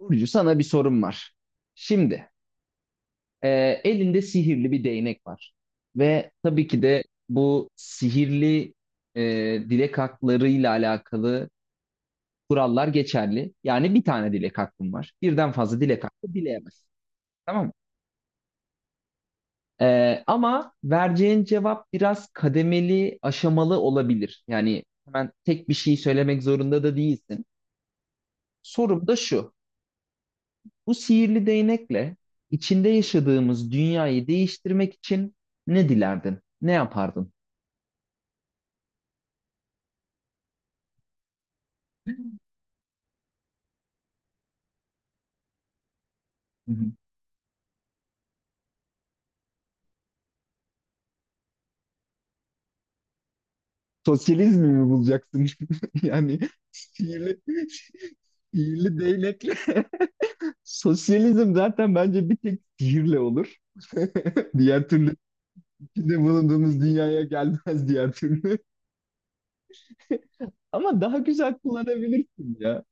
Burcu sana bir sorum var. Şimdi e, elinde sihirli bir değnek var. Ve tabii ki de bu sihirli e, dilek haklarıyla alakalı kurallar geçerli. Yani bir tane dilek hakkın var. Birden fazla dilek hakkı dileyemezsin. Tamam mı? Ama vereceğin cevap biraz kademeli, aşamalı olabilir. Yani hemen tek bir şey söylemek zorunda da değilsin. Sorum da şu. Bu sihirli değnekle içinde yaşadığımız dünyayı değiştirmek için ne dilerdin? Ne yapardın? Hı hı. Sosyalizmi mi bulacaksın? Yani sihirli, sihirli değnekle. Sosyalizm zaten bence bir tek sihirle olur. Diğer türlü içinde bulunduğumuz dünyaya gelmez diğer türlü. Ama daha güzel kullanabilirsin ya.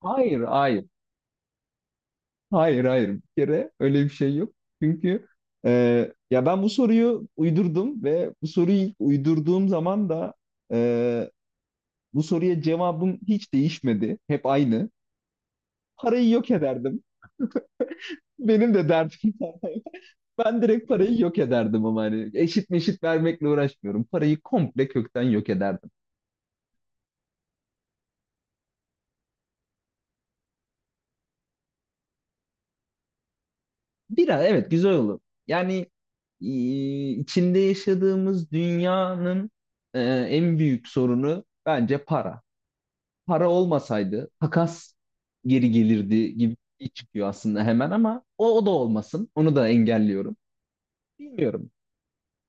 Hayır, hayır. Hayır, hayır, bir kere öyle bir şey yok. Çünkü e, ya ben bu soruyu uydurdum ve bu soruyu ilk uydurduğum zaman da e, bu soruya cevabım hiç değişmedi. Hep aynı. Parayı yok ederdim. Benim de derdim. Ben direkt parayı yok ederdim ama hani eşit meşit vermekle uğraşmıyorum. Parayı komple kökten yok ederdim. Biraz evet güzel olur. Yani e, içinde yaşadığımız dünyanın en büyük sorunu bence para. Para olmasaydı takas geri gelirdi gibi bir şey çıkıyor aslında hemen ama o da olmasın. Onu da engelliyorum. Bilmiyorum.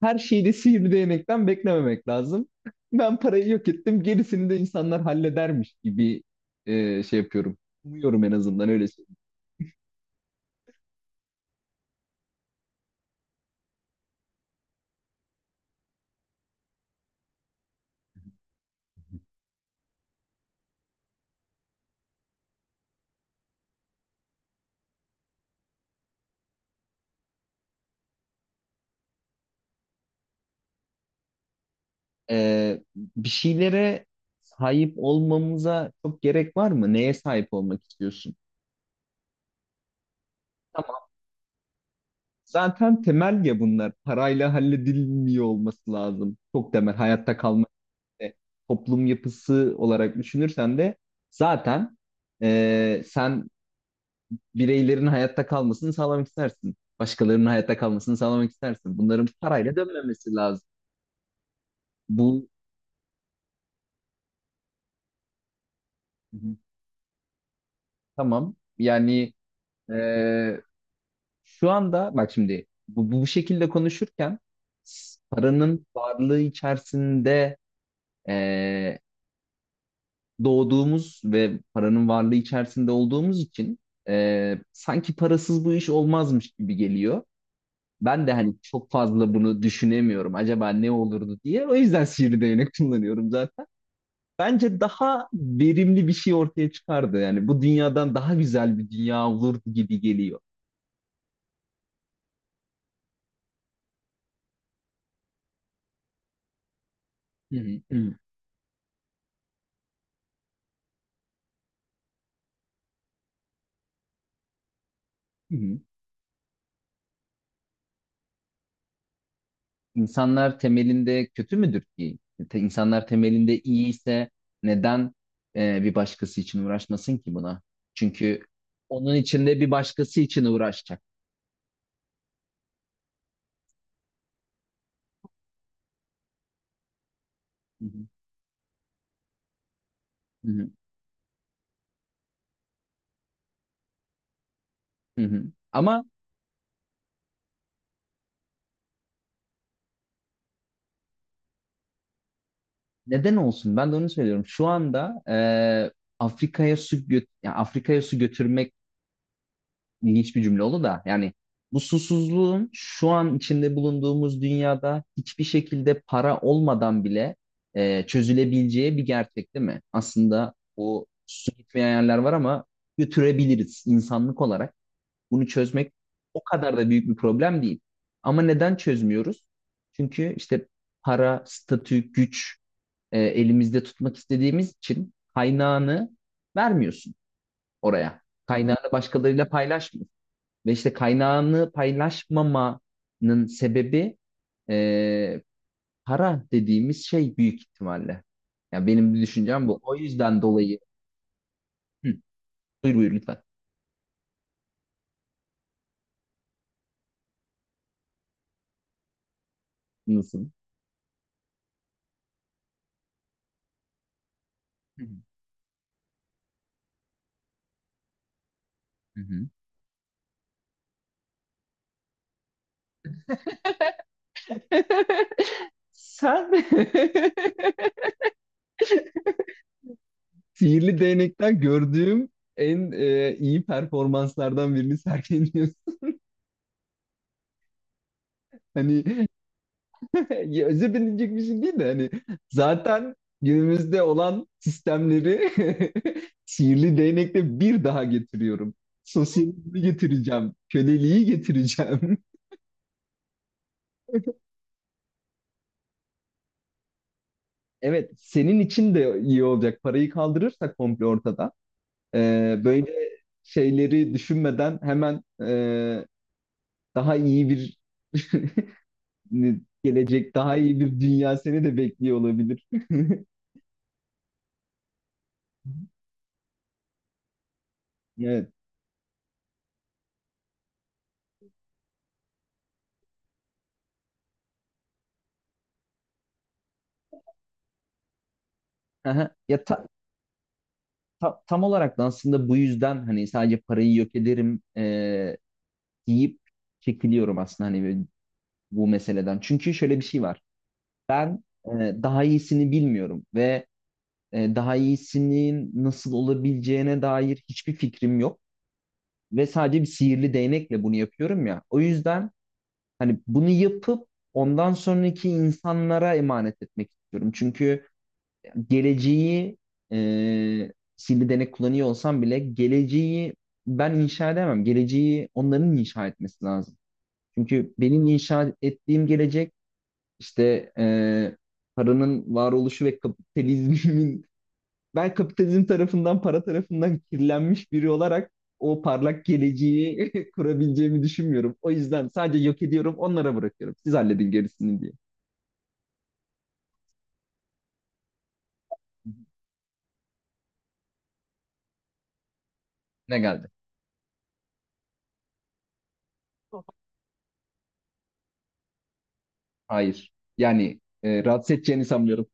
Her şeyi de sihirli değnekten beklememek lazım. Ben parayı yok ettim. Gerisini de insanlar halledermiş gibi şey yapıyorum. Umuyorum en azından öyle söyleyeyim. E, Bir şeylere sahip olmamıza çok gerek var mı? Neye sahip olmak istiyorsun? Tamam. Zaten temel ya bunlar. Parayla halledilmiyor olması lazım. Çok temel hayatta kalma, e, toplum yapısı olarak düşünürsen de zaten sen bireylerin hayatta kalmasını sağlamak istersin. Başkalarının hayatta kalmasını sağlamak istersin. Bunların parayla dönmemesi lazım. Bu Hı hı. Tamam. Yani e, şu anda bak şimdi bu şekilde konuşurken paranın varlığı içerisinde e, doğduğumuz ve paranın varlığı içerisinde olduğumuz için sanki parasız bu iş olmazmış gibi geliyor. Ben de hani çok fazla bunu düşünemiyorum. Acaba ne olurdu diye. O yüzden sihirli değnek kullanıyorum zaten. Bence daha verimli bir şey ortaya çıkardı. Yani bu dünyadan daha güzel bir dünya olurdu gibi geliyor. Hı hı, hı, hı. İnsanlar temelinde kötü müdür ki? İnsanlar temelinde iyi ise neden bir başkası için uğraşmasın ki buna? Çünkü onun içinde bir başkası için uğraşacak. Hı hı, hı hı, hı hı. Ama neden olsun? Ben de onu söylüyorum. Şu anda Afrika'ya su yani Afrika'ya su götürmek ilginç bir cümle oldu da yani bu susuzluğun şu an içinde bulunduğumuz dünyada hiçbir şekilde para olmadan bile çözülebileceği bir gerçek değil mi? Aslında o su gitmeyen yerler var ama götürebiliriz insanlık olarak. Bunu çözmek o kadar da büyük bir problem değil. Ama neden çözmüyoruz? Çünkü işte para, statü, güç elimizde tutmak istediğimiz için kaynağını vermiyorsun oraya. Kaynağını başkalarıyla paylaşmıyorsun. Ve işte kaynağını paylaşmamanın sebebi e, para dediğimiz şey büyük ihtimalle. Yani benim bir düşüncem bu. O yüzden dolayı. Hı, buyur lütfen. Nasıl? Hı hı. Hı hı. Sen sihirli değnekten gördüğüm en iyi performanslardan birini sergiliyorsun. Hani ya, özür dilenecek bir şey değil de hani zaten günümüzde olan sistemleri sihirli değnekle bir daha getiriyorum. Sosyalizmi getireceğim, köleliği getireceğim. Evet, senin için de iyi olacak. Parayı kaldırırsak komple ortada. Böyle şeyleri düşünmeden hemen daha iyi bir gelecek, daha iyi bir dünya seni de bekliyor olabilir. Evet. Aha. Ya tam olarak da aslında bu yüzden hani sadece parayı yok ederim, deyip çekiliyorum aslında hani böyle bu meseleden. Çünkü şöyle bir şey var. Ben daha iyisini bilmiyorum ve daha iyisinin nasıl olabileceğine dair hiçbir fikrim yok ve sadece bir sihirli değnekle bunu yapıyorum ya. O yüzden hani bunu yapıp ondan sonraki insanlara emanet etmek istiyorum. Çünkü geleceği, e, sihirli değnek kullanıyor olsam bile geleceği ben inşa edemem. Geleceği onların inşa etmesi lazım. Çünkü benim inşa ettiğim gelecek işte paranın varoluşu ve kapitalizmin ben kapitalizm tarafından, para tarafından kirlenmiş biri olarak o parlak geleceği kurabileceğimi düşünmüyorum. O yüzden sadece yok ediyorum, onlara bırakıyorum. Siz halledin gerisini diye. Ne geldi? Hayır. Yani rahatsız edeceğini sanmıyorum.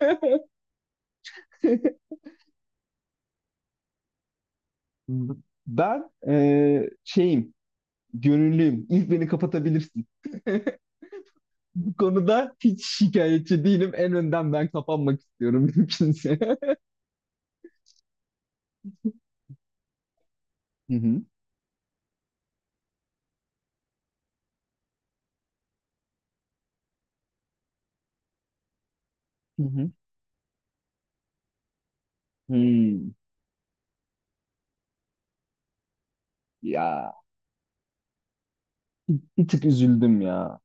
Ben şeyim, gönüllüyüm. İlk beni kapatabilirsin. Bu konuda hiç şikayetçi değilim. En önden ben kapanmak istiyorum mümkünse. Hı hı. Hı hı. Hmm. Ya bir tık üzüldüm ya.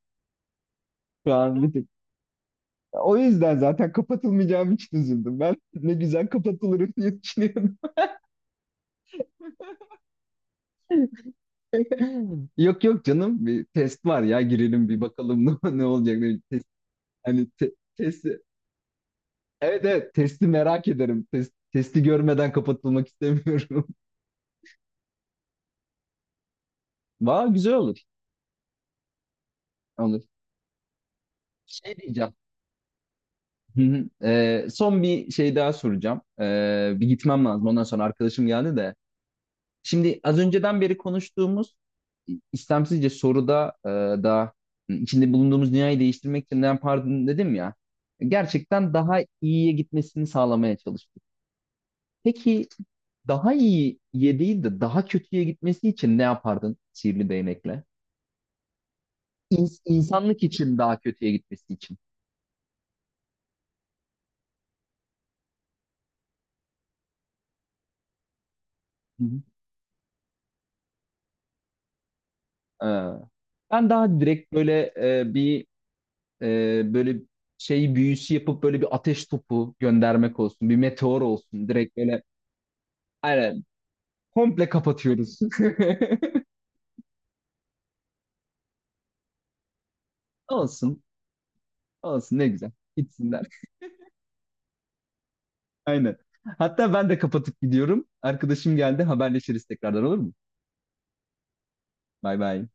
Şu an bir tık. O yüzden zaten kapatılmayacağım için üzüldüm. Ben ne güzel kapatılırım diye düşünüyorum. Yok yok canım, bir test var ya girelim bir bakalım ne olacak. Bir test, hani test. Evet evet, testi merak ederim. Testi görmeden kapatılmak istemiyorum. Valla güzel olur. Olur. Şey diyeceğim. Hı hı. Son bir şey daha soracağım. Bir gitmem lazım. Ondan sonra arkadaşım geldi de. Şimdi az önceden beri konuştuğumuz istemsizce soruda e, da içinde bulunduğumuz dünyayı değiştirmek için ne yapardın dedim ya. Gerçekten daha iyiye gitmesini sağlamaya çalıştık. Peki daha iyiye değil de daha kötüye gitmesi için ne yapardın sihirli değnekle? İnsanlık için daha kötüye gitmesi için. Hı hı. Ee, Ben daha direkt böyle e, bir böyle şeyi büyüsü yapıp böyle bir ateş topu göndermek olsun, bir meteor olsun. Direkt böyle aynen komple kapatıyoruz. Olsun, olsun ne güzel. Gitsinler. Aynen. Hatta ben de kapatıp gidiyorum. Arkadaşım geldi. Haberleşiriz tekrardan, olur mu? Bay bay.